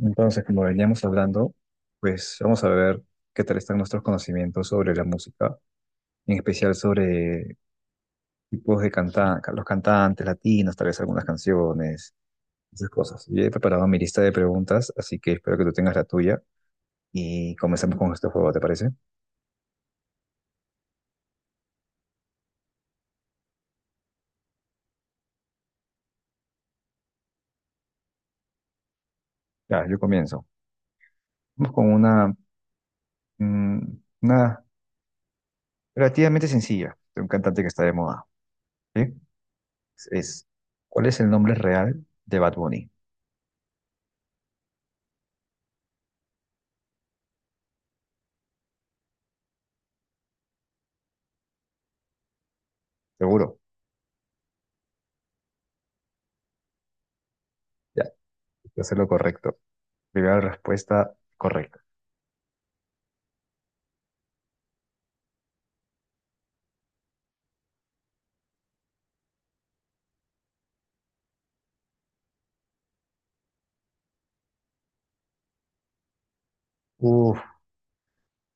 Entonces, como veníamos hablando, pues vamos a ver qué tal están nuestros conocimientos sobre la música, en especial sobre tipos de cantantes, los cantantes latinos, tal vez algunas canciones, esas cosas. Yo he preparado mi lista de preguntas, así que espero que tú tengas la tuya y comenzamos con este juego, ¿te parece? Ya, yo comienzo. Vamos con una, mm, una relativamente sencilla de un cantante que está de moda, ¿sí? Es, ¿Cuál es el nombre real de Bad Bunny? Seguro. Ya, voy a hacer lo correcto. Primera respuesta correcta. Uf,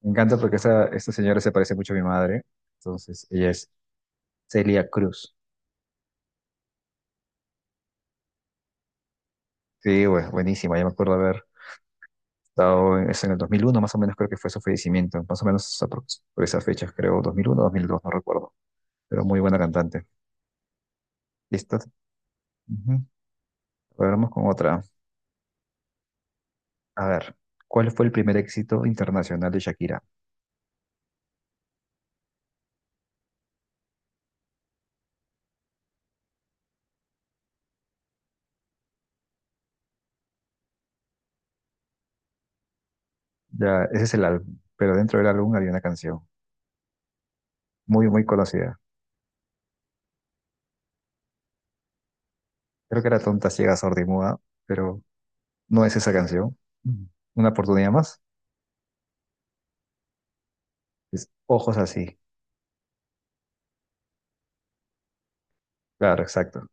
me encanta porque esta señora se parece mucho a mi madre. Entonces, ella es Celia Cruz. Sí, bueno, buenísima. Yo me acuerdo haber estado en, es en el 2001, más o menos creo que fue su fallecimiento. Más o menos por esas fechas, creo, 2001, 2002, no recuerdo. Pero muy buena cantante. ¿Listo? Ujú. Ahora vamos con otra. A ver, ¿cuál fue el primer éxito internacional de Shakira? Ya, ese es el álbum, pero dentro del álbum había una canción muy, muy conocida. Creo que era Tonta, Ciega, Sorda y Muda, pero no es esa canción. Mm. Una oportunidad más. Es Ojos así. Claro, exacto.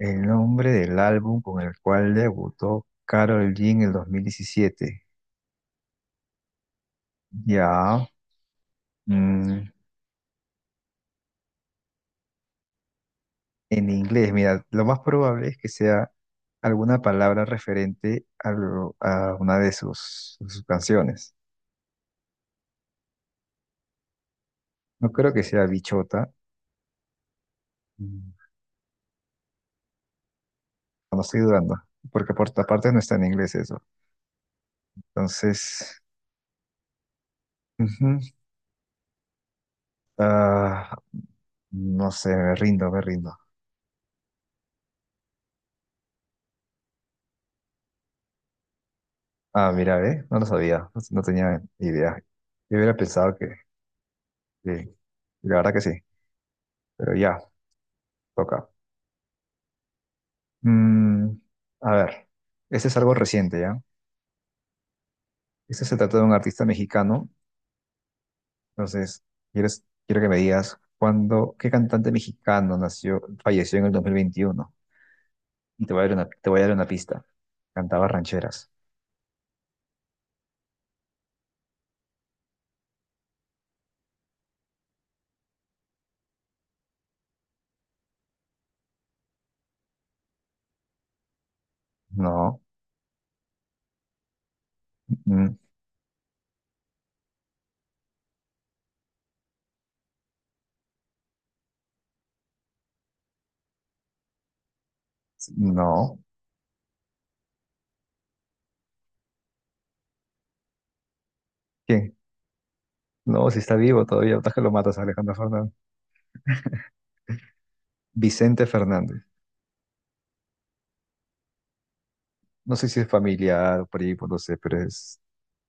El nombre del álbum con el cual debutó Karol G en el 2017. Ya. mm, en inglés, mira, lo más probable es que sea alguna palabra referente a, a una de sus canciones. No creo que sea bichota. Mm, No estoy dudando. Porque por otra parte no está en inglés eso. Entonces, ujú, ah, no sé, me rindo, me rindo. Ah, mira, ¿eh? No lo sabía, no, no tenía idea. Yo hubiera pensado que la verdad que sí, pero ya, toca. Mm, a ver, este es algo reciente, ¿ya? Este se trata de un artista mexicano, entonces, quiero que me digas cuándo, qué cantante mexicano nació, falleció en el 2021. Y te voy a dar te voy a dar una pista. Cantaba rancheras. No, mm, no. ¿Quién? No, si está vivo todavía, ¿estás que lo matas, Alejandro Fernández? Vicente Fernández. No sé si es familiar o por primo, no sé, pero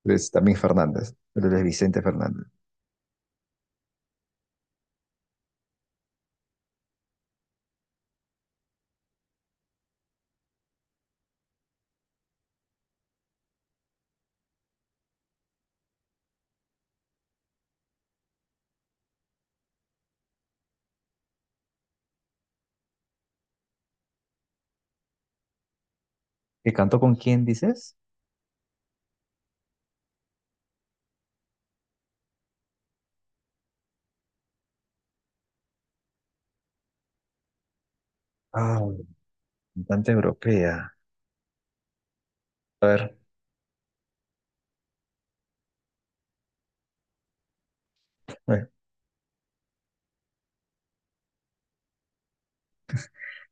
es también Fernández, pero es Vicente Fernández. ¿Que cantó con quién dices? Ah, bueno, cantante europea. Bueno,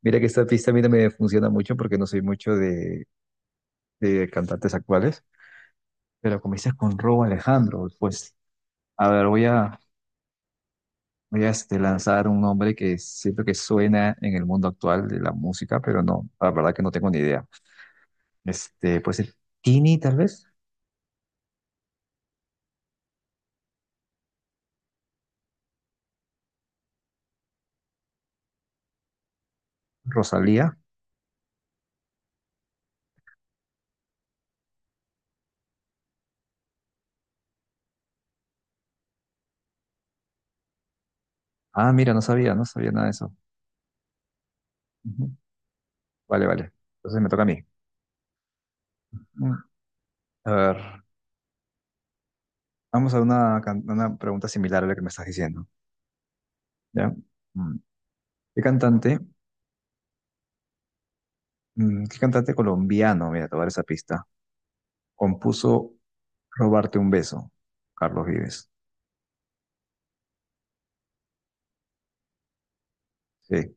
mira que esta pista a mí no me funciona mucho porque no soy mucho de cantantes actuales, pero como dices con Robo Alejandro, pues a ver, voy a lanzar un nombre que siento que suena en el mundo actual de la música, pero no, la verdad que no tengo ni idea. Puede ser Tini tal vez, Rosalía. Ah, mira, no sabía, no sabía nada de eso. Vale, vale. Entonces me toca a mí. Mm. A ver, vamos a una, una pregunta similar a la que me estás diciendo, ¿ya? Mm. ¿Qué cantante, Qué cantante colombiano, mira, te voy a dar esa pista, compuso Robarte un beso, Carlos Vives? Sí,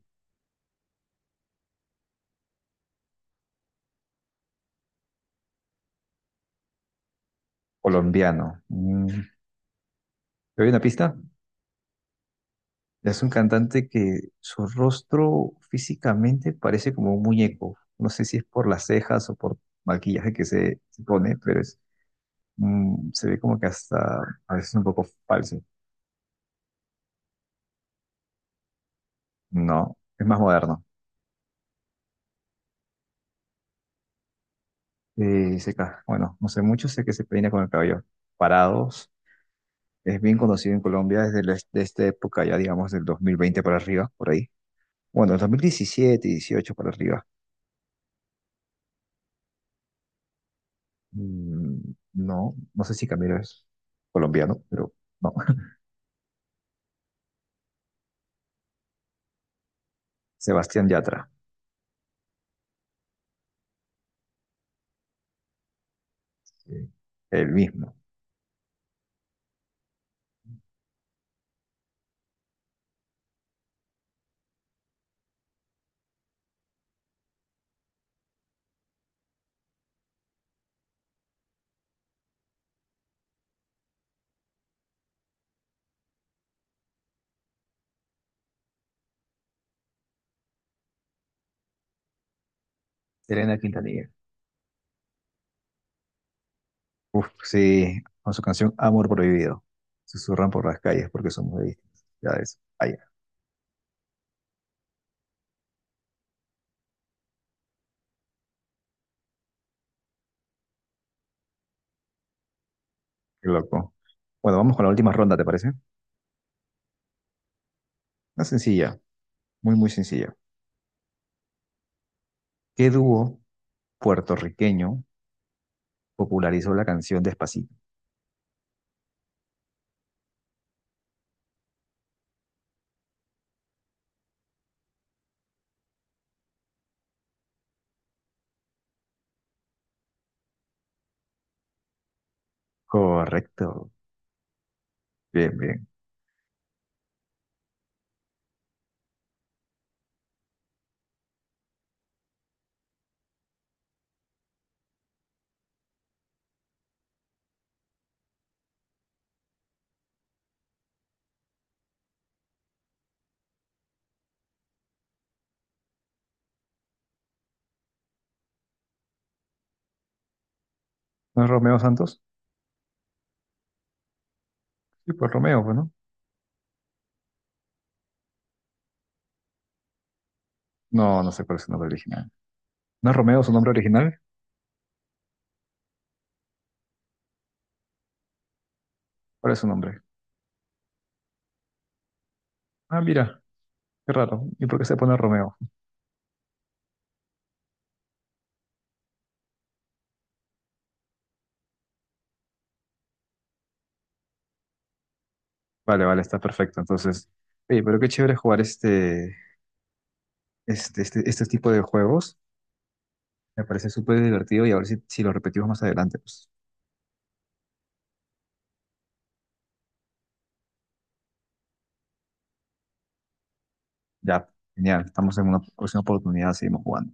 colombiano. Mm. ¿Te doy una pista? Es un cantante que su rostro físicamente parece como un muñeco. No sé si es por las cejas o por maquillaje que se pone, pero se ve como que hasta a veces un poco falso. No, es más moderno. Y bueno, no sé mucho, sé que se peina con el cabello parados. Es bien conocido en Colombia desde, de esta época, ya digamos, del 2020 para arriba, por ahí. Bueno, el 2017, 18 para arriba. Mm, no, no sé si Camilo es colombiano, pero no. Sebastián Yatra, sí, el mismo. Elena Quintanilla. Uf, sí, con su canción Amor Prohibido. Susurran por las calles porque somos de ya es, ay, qué loco. Bueno, vamos con la última ronda, ¿te parece? Una sencilla, muy, muy sencilla. ¿Qué dúo puertorriqueño popularizó la canción Despacito? Correcto. Bien, bien. ¿No es Romeo Santos? Sí, pues Romeo, pues, ¿no? No, no sé cuál es su nombre original. ¿No es Romeo su nombre original? ¿Cuál es su nombre? Ah, mira, qué raro. ¿Y por qué se pone Romeo? Vale, vale, está perfecto. Entonces, oye, pero qué chévere jugar este tipo de juegos. Me parece súper divertido y a ver si lo repetimos más adelante. Pues ya, genial. Estamos en una próxima oportunidad, seguimos jugando.